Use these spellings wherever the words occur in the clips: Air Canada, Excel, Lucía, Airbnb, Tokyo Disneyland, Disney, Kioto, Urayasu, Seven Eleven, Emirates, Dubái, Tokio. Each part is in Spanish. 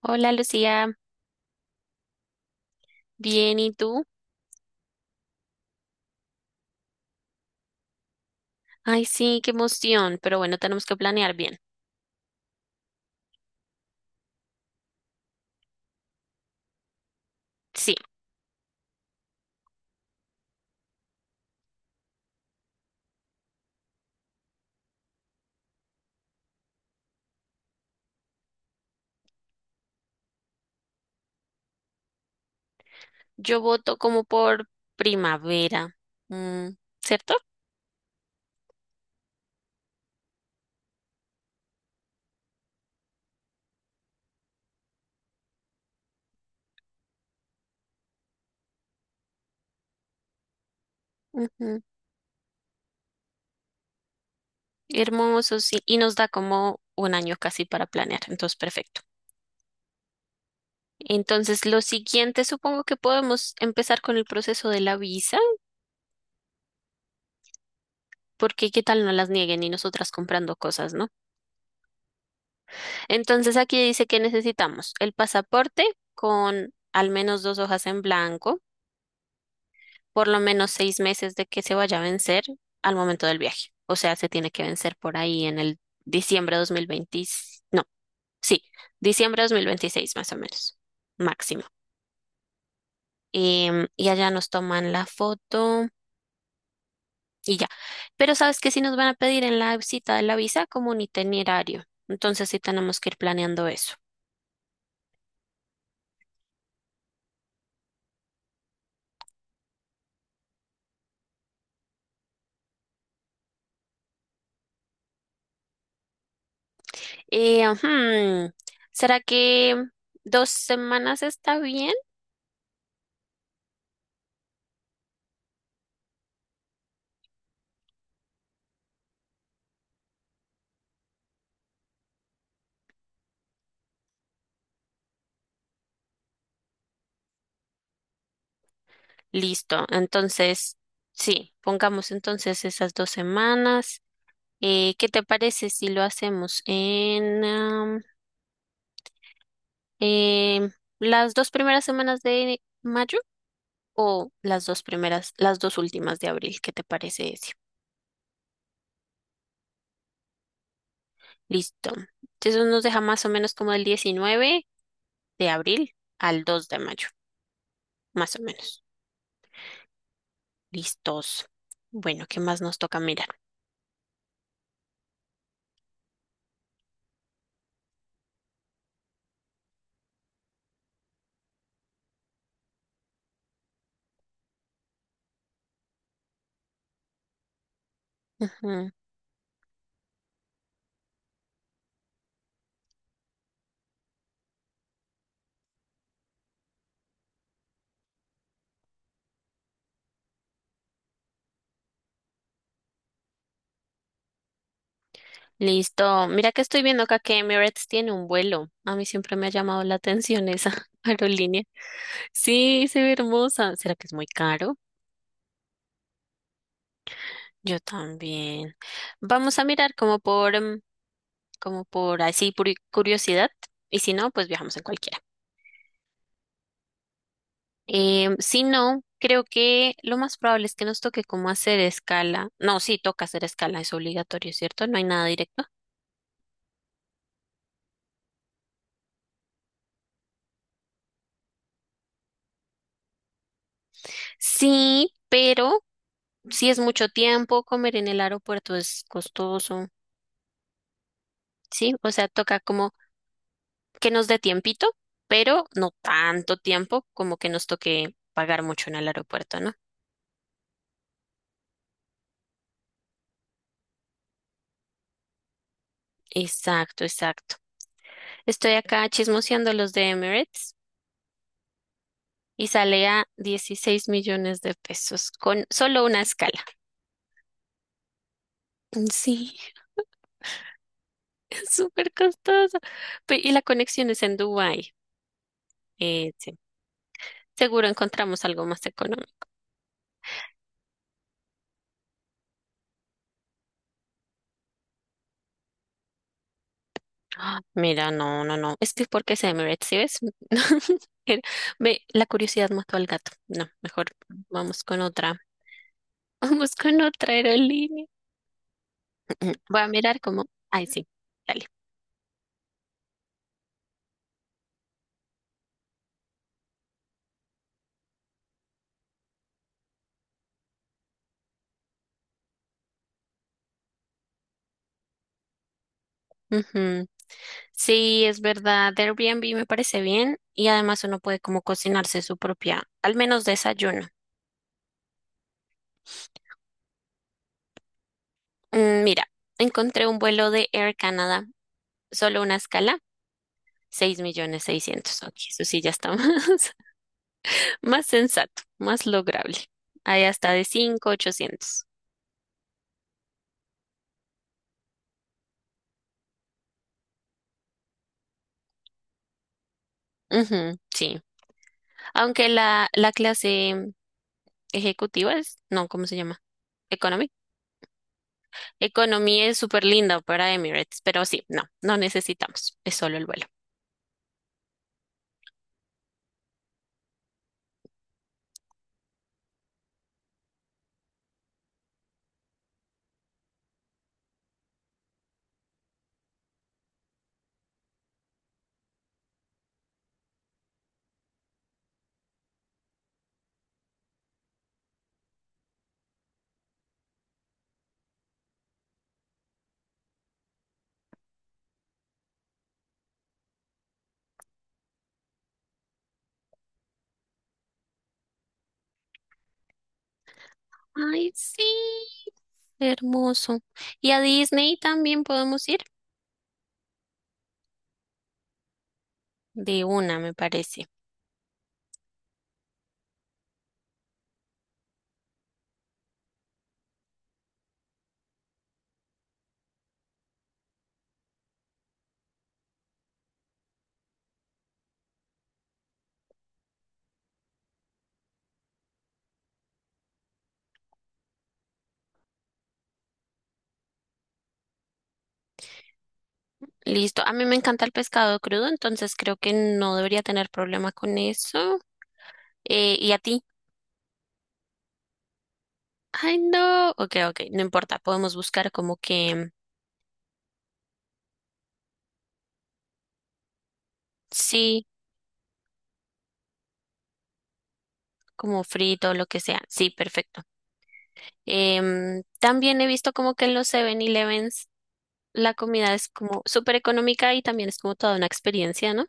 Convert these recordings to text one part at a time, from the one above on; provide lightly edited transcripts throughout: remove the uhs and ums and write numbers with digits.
Hola Lucía, bien, ¿y tú? Ay, sí, qué emoción, pero bueno, tenemos que planear bien. Sí, yo voto como por primavera, mm, ¿cierto? Ujú. Hermoso, sí, y nos da como un año casi para planear, entonces perfecto. Entonces, lo siguiente, supongo que podemos empezar con el proceso de la visa, porque qué tal no las nieguen y nosotras comprando cosas, ¿no? Entonces, aquí dice que necesitamos el pasaporte con al menos 2 hojas en blanco, por lo menos 6 meses de que se vaya a vencer al momento del viaje. O sea, se tiene que vencer por ahí en el diciembre 2020, no, sí, diciembre 2026 más o menos, máximo. Y allá nos toman la foto. Y ya. Pero sabes que si nos van a pedir en la cita de la visa como un itinerario, entonces sí tenemos que ir planeando eso. Ujú, ¿será que 2 semanas está bien? Listo, entonces sí, pongamos entonces esas 2 semanas. ¿Qué te parece si lo hacemos en em, las dos primeras semanas de mayo o las dos primeras, las dos últimas de abril? ¿Qué te parece, ese? Listo. Entonces nos deja más o menos como el 19 de abril al 2 de mayo, más o menos. Listos. Bueno, ¿qué más nos toca mirar? Ujú. Listo. Mira que estoy viendo acá que Emirates tiene un vuelo. A mí siempre me ha llamado la atención esa aerolínea. Sí, se ve hermosa. ¿Será que es muy caro? Yo también. Vamos a mirar como por, como por así, por curiosidad. Y si no, pues viajamos en cualquiera. Si no, creo que lo más probable es que nos toque como hacer escala. No, sí, toca hacer escala, es obligatorio, ¿cierto? No hay nada directo. Sí, pero si es mucho tiempo, comer en el aeropuerto es costoso, ¿sí? O sea, toca como que nos dé tiempito, pero no tanto tiempo como que nos toque pagar mucho en el aeropuerto, ¿no? Exacto, exacto. Estoy acá chismoseando los de Emirates y sale a 16 millones de pesos con solo una escala. Mm, sí, es súper costoso. Y la conexión es en Dubái. Sí. Seguro encontramos algo más económico. Ah, mira, no, no, no. Es que porque es Emirates, ¿sí ves? Era- Ve, la curiosidad mató al gato. No, mejor vamos con otra. Vamos con otra aerolínea. Mm. Voy a mirar cómo. Ay, sí. Dale. Ujú. Sí, es verdad. Airbnb me parece bien y además uno puede como cocinarse su propia, al menos desayuno. Mira, encontré un vuelo de Air Canada, solo una escala, 6 millones 600. Ok, eso sí ya está más, más sensato, más lograble. Ahí hasta de 5 800. Ujú, sí. Aunque la clase ejecutiva es, no, ¿cómo se llama? Economy. Economy es súper linda para Emirates, pero sí, no, no necesitamos, es solo el vuelo. Ay, sí, hermoso. Y a Disney también podemos ir de una, me parece. Listo. A mí me encanta el pescado crudo, entonces creo que no debería tener problema con eso. ¿Y a ti? Ay, no. Ok, ok, no importa. Podemos buscar como que. Sí, como frito, o lo que sea. Sí, perfecto. También he visto como que en los Seven elevens la comida es como súper económica y también es como toda una experiencia, ¿no?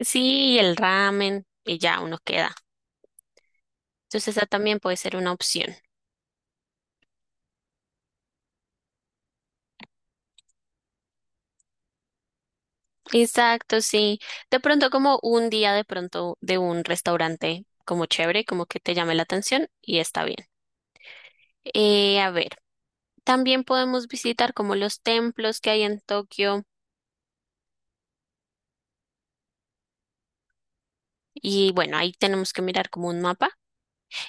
Sí, y el ramen y ya uno queda. Entonces esa también puede ser una opción. Exacto, sí. De pronto como un día de pronto de un restaurante como chévere, como que te llame la atención y está bien. A ver, también podemos visitar como los templos que hay en Tokio y bueno, ahí tenemos que mirar como un mapa.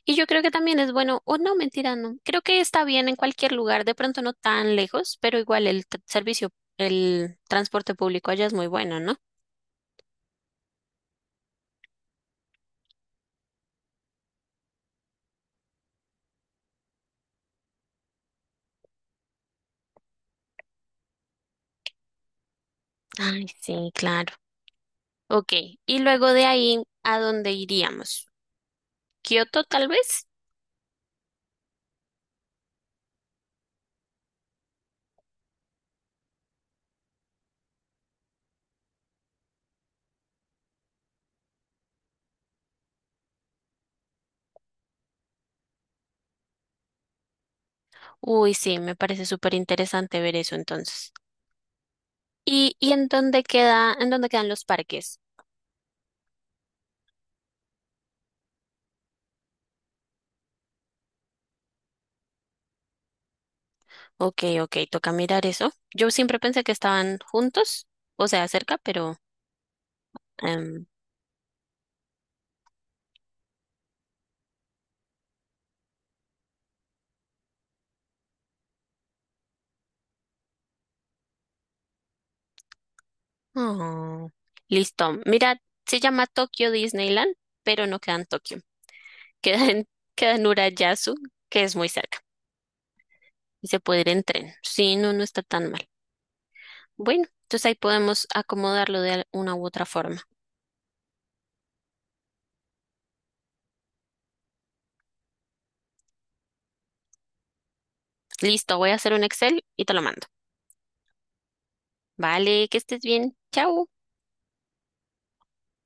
Y yo creo que también es bueno, o no, mentira, no. Creo que está bien en cualquier lugar, de pronto no tan lejos, pero igual el servicio, el transporte público allá es muy bueno, ¿no? Ay, sí, claro. Ok, y luego de ahí, ¿a dónde iríamos? ¿Kioto tal vez? Uy, sí, me parece súper interesante ver eso entonces. ¿Y en dónde queda, en dónde quedan los parques? Ok, ok, toca mirar eso. Yo siempre pensé que estaban juntos, o sea, cerca, pero. em, Oh, listo. Mira, se llama Tokyo Disneyland, pero no queda en Tokio. Queda en, queda en Urayasu, que es muy cerca. Y se puede ir en tren. Sí, no, no está tan mal. Bueno, entonces ahí podemos acomodarlo de una u otra forma. Listo, voy a hacer un Excel y te lo mando. Vale, que estés bien. Chao.